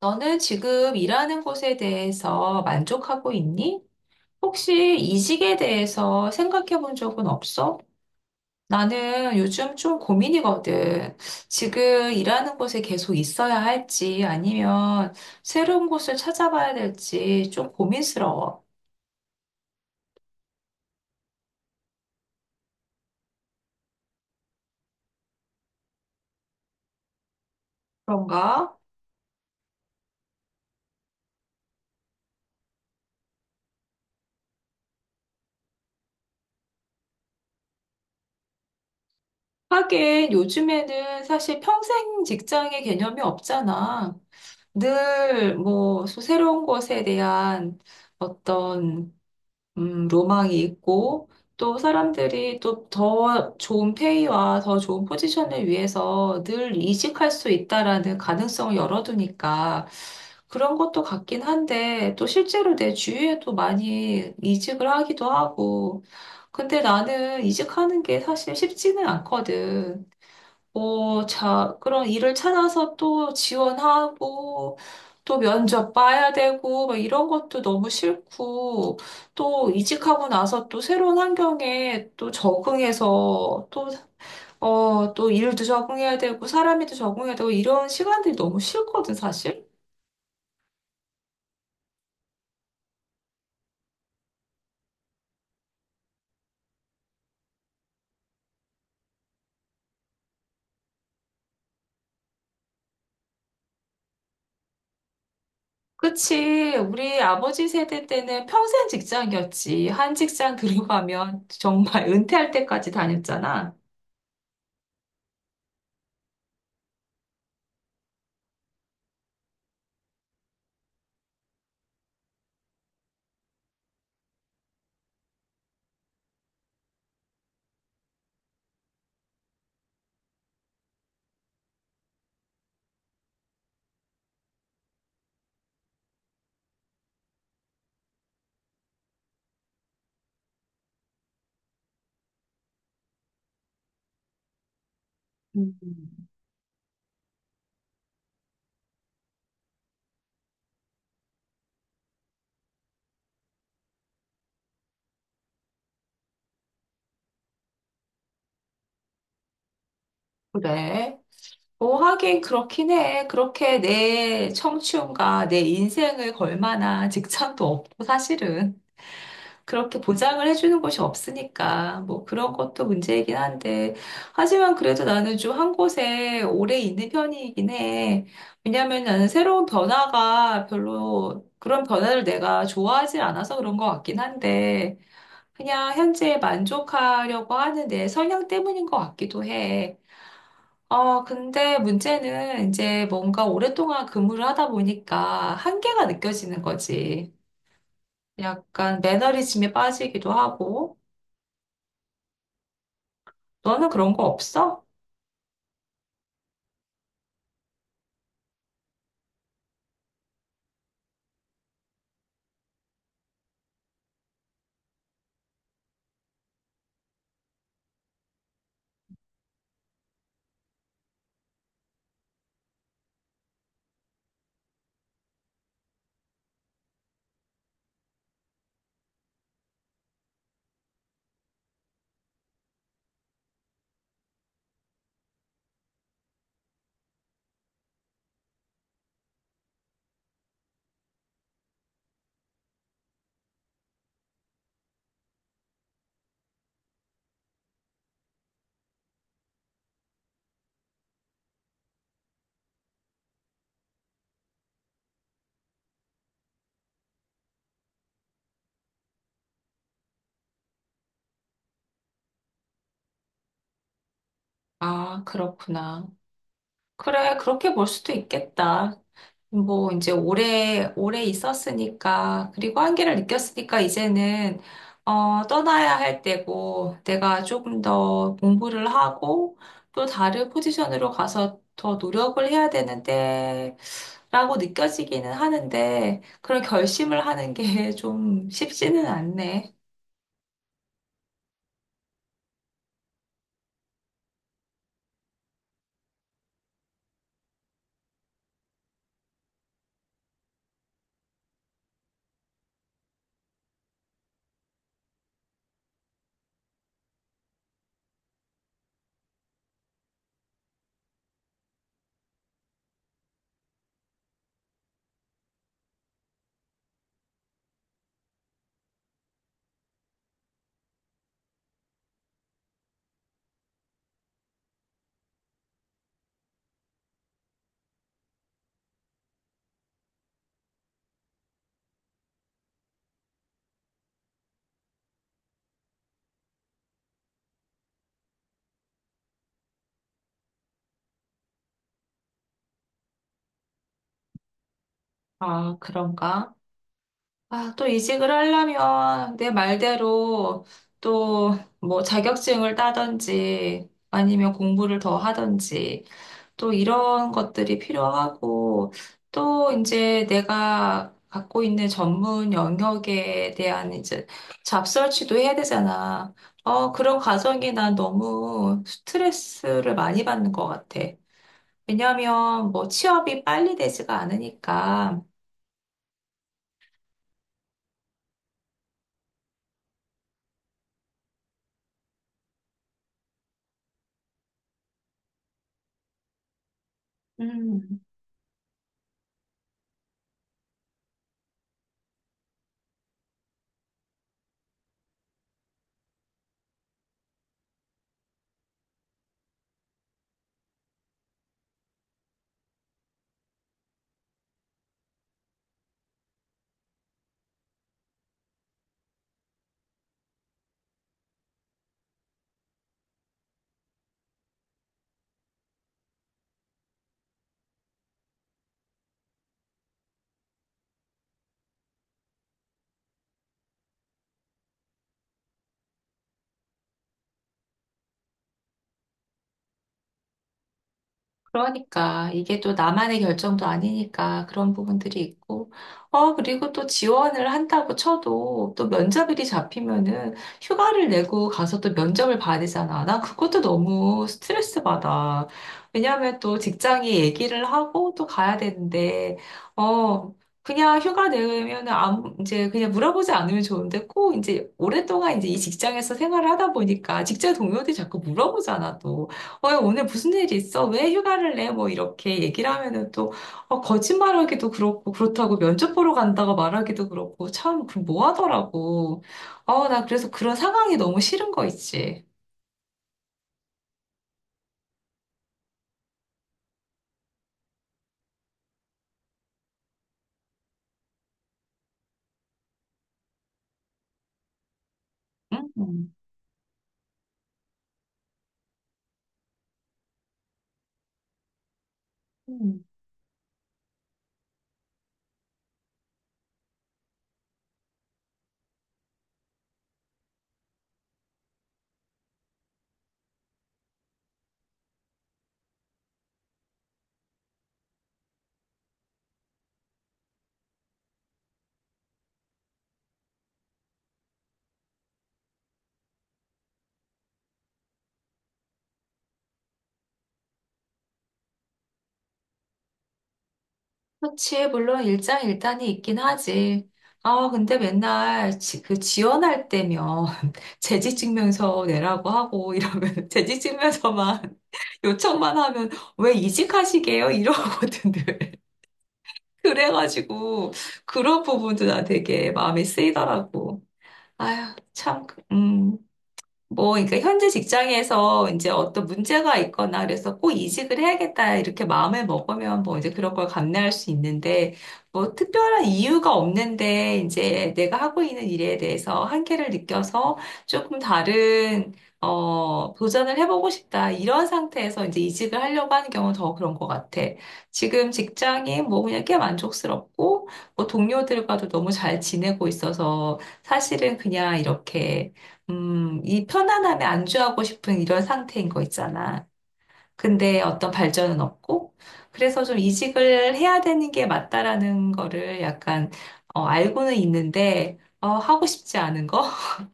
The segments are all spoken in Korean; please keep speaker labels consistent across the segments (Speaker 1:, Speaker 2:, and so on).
Speaker 1: 너는 지금 일하는 곳에 대해서 만족하고 있니? 혹시 이직에 대해서 생각해 본 적은 없어? 나는 요즘 좀 고민이거든. 지금 일하는 곳에 계속 있어야 할지 아니면 새로운 곳을 찾아봐야 될지 좀 고민스러워. 그런가? 하긴 요즘에는 사실 평생 직장의 개념이 없잖아. 늘 뭐 새로운 곳에 대한 어떤 로망이 있고, 또 사람들이 또 더 좋은 페이와 더 좋은 포지션을 위해서 늘 이직할 수 있다라는 가능성을 열어두니까 그런 것도 같긴 한데, 또 실제로 내 주위에도 많이 이직을 하기도 하고, 근데 나는 이직하는 게 사실 쉽지는 않거든. 자, 그런 일을 찾아서 또 지원하고, 또 면접 봐야 되고, 막 이런 것도 너무 싫고, 또 이직하고 나서 또 새로운 환경에 또 적응해서, 또, 또 일도 적응해야 되고, 사람에도 적응해야 되고, 이런 시간들이 너무 싫거든, 사실. 그치. 우리 아버지 세대 때는 평생 직장이었지. 한 직장 들어가면 정말 은퇴할 때까지 다녔잖아. 음. 그래. 하긴 그렇긴 해. 그렇게 내 청춘과 내 인생을 걸 만한 직장도 없고, 사실은. 그렇게 보장을 해주는 곳이 없으니까, 뭐 그런 것도 문제이긴 한데. 하지만 그래도 나는 좀 한 곳에 오래 있는 편이긴 해. 왜냐면 나는 새로운 변화가 별로, 그런 변화를 내가 좋아하지 않아서 그런 것 같긴 한데, 그냥 현재에 만족하려고 하는 내 성향 때문인 것 같기도 해. 근데 문제는 이제 뭔가 오랫동안 근무를 하다 보니까 한계가 느껴지는 거지. 약간 매너리즘에 빠지기도 하고. 너는 그런 거 없어? 아, 그렇구나. 그래, 그렇게 볼 수도 있겠다. 뭐, 이제 오래, 오래 있었으니까, 그리고 한계를 느꼈으니까, 이제는, 떠나야 할 때고, 내가 조금 더 공부를 하고, 또 다른 포지션으로 가서 더 노력을 해야 되는데, 라고 느껴지기는 하는데, 그런 결심을 하는 게 좀 쉽지는 않네. 아, 그런가? 아, 또 이직을 하려면 내 말대로 또 뭐 자격증을 따든지 아니면 공부를 더 하든지 또 이런 것들이 필요하고 또 이제 내가 갖고 있는 전문 영역에 대한 이제 잡설치도 해야 되잖아. 그런 과정이 난 너무 스트레스를 많이 받는 것 같아. 왜냐하면 뭐 취업이 빨리 되지가 않으니까. 음. 그러니까 이게 또 나만의 결정도 아니니까 그런 부분들이 있고 그리고 또 지원을 한다고 쳐도 또 면접일이 잡히면은 휴가를 내고 가서 또 면접을 봐야 되잖아. 난 그것도 너무 스트레스 받아. 왜냐하면 또 직장이 얘기를 하고 또 가야 되는데 어 그냥 휴가 내면은 아무 이제 그냥 물어보지 않으면 좋은데 꼭 이제 오랫동안 이제 이 직장에서 생활을 하다 보니까 직장 동료들이 자꾸 물어보잖아 또. 어, 오늘 무슨 일이 있어? 왜 휴가를 내? 뭐 이렇게 얘기를 하면은 또 거짓말하기도 그렇고 그렇다고 면접 보러 간다고 말하기도 그렇고 참 그럼 뭐 하더라고. 나 그래서 그런 상황이 너무 싫은 거 있지. 응? 음. 음. 그렇지. 물론 일장일단이 있긴 하지. 아, 근데 맨날 그 지원할 때면 재직증명서 내라고 하고 이러면 재직증명서만 요청만 하면 왜 이직하시게요? 이러거든. 그래가지고 그런 부분도 난 되게 마음이 쓰이더라고. 아휴, 참, 음. 뭐, 그러니까 현재 직장에서 이제 어떤 문제가 있거나 그래서 꼭 이직을 해야겠다 이렇게 마음을 먹으면 뭐 이제 그런 걸 감내할 수 있는데 뭐 특별한 이유가 없는데 이제 내가 하고 있는 일에 대해서 한계를 느껴서 조금 다른 도전을 해보고 싶다 이런 상태에서 이제 이직을 하려고 하는 경우는 더 그런 것 같아. 지금 직장이 뭐 그냥 꽤 만족스럽고 뭐 동료들과도 너무 잘 지내고 있어서 사실은 그냥 이렇게 이 편안함에 안주하고 싶은 이런 상태인 거 있잖아. 근데 어떤 발전은 없고, 그래서 좀 이직을 해야 되는 게 맞다라는 거를 약간, 알고는 있는데, 하고 싶지 않은 거?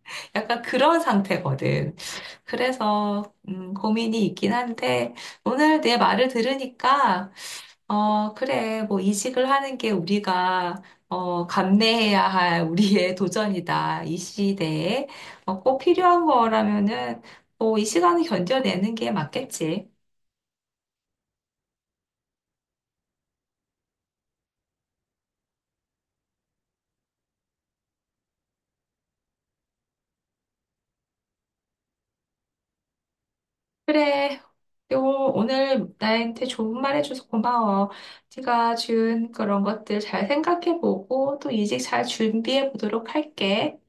Speaker 1: 약간 그런 상태거든. 그래서, 고민이 있긴 한데, 오늘 내 말을 들으니까 그래. 뭐, 이직을 하는 게 우리가, 감내해야 할 우리의 도전이다. 이 시대에. 꼭 필요한 거라면은, 뭐, 이 시간을 견뎌내는 게 맞겠지. 그래. 오늘 나한테 좋은 말 해줘서 고마워. 네가 준 그런 것들 잘 생각해보고, 또 이직 잘 준비해보도록 할게.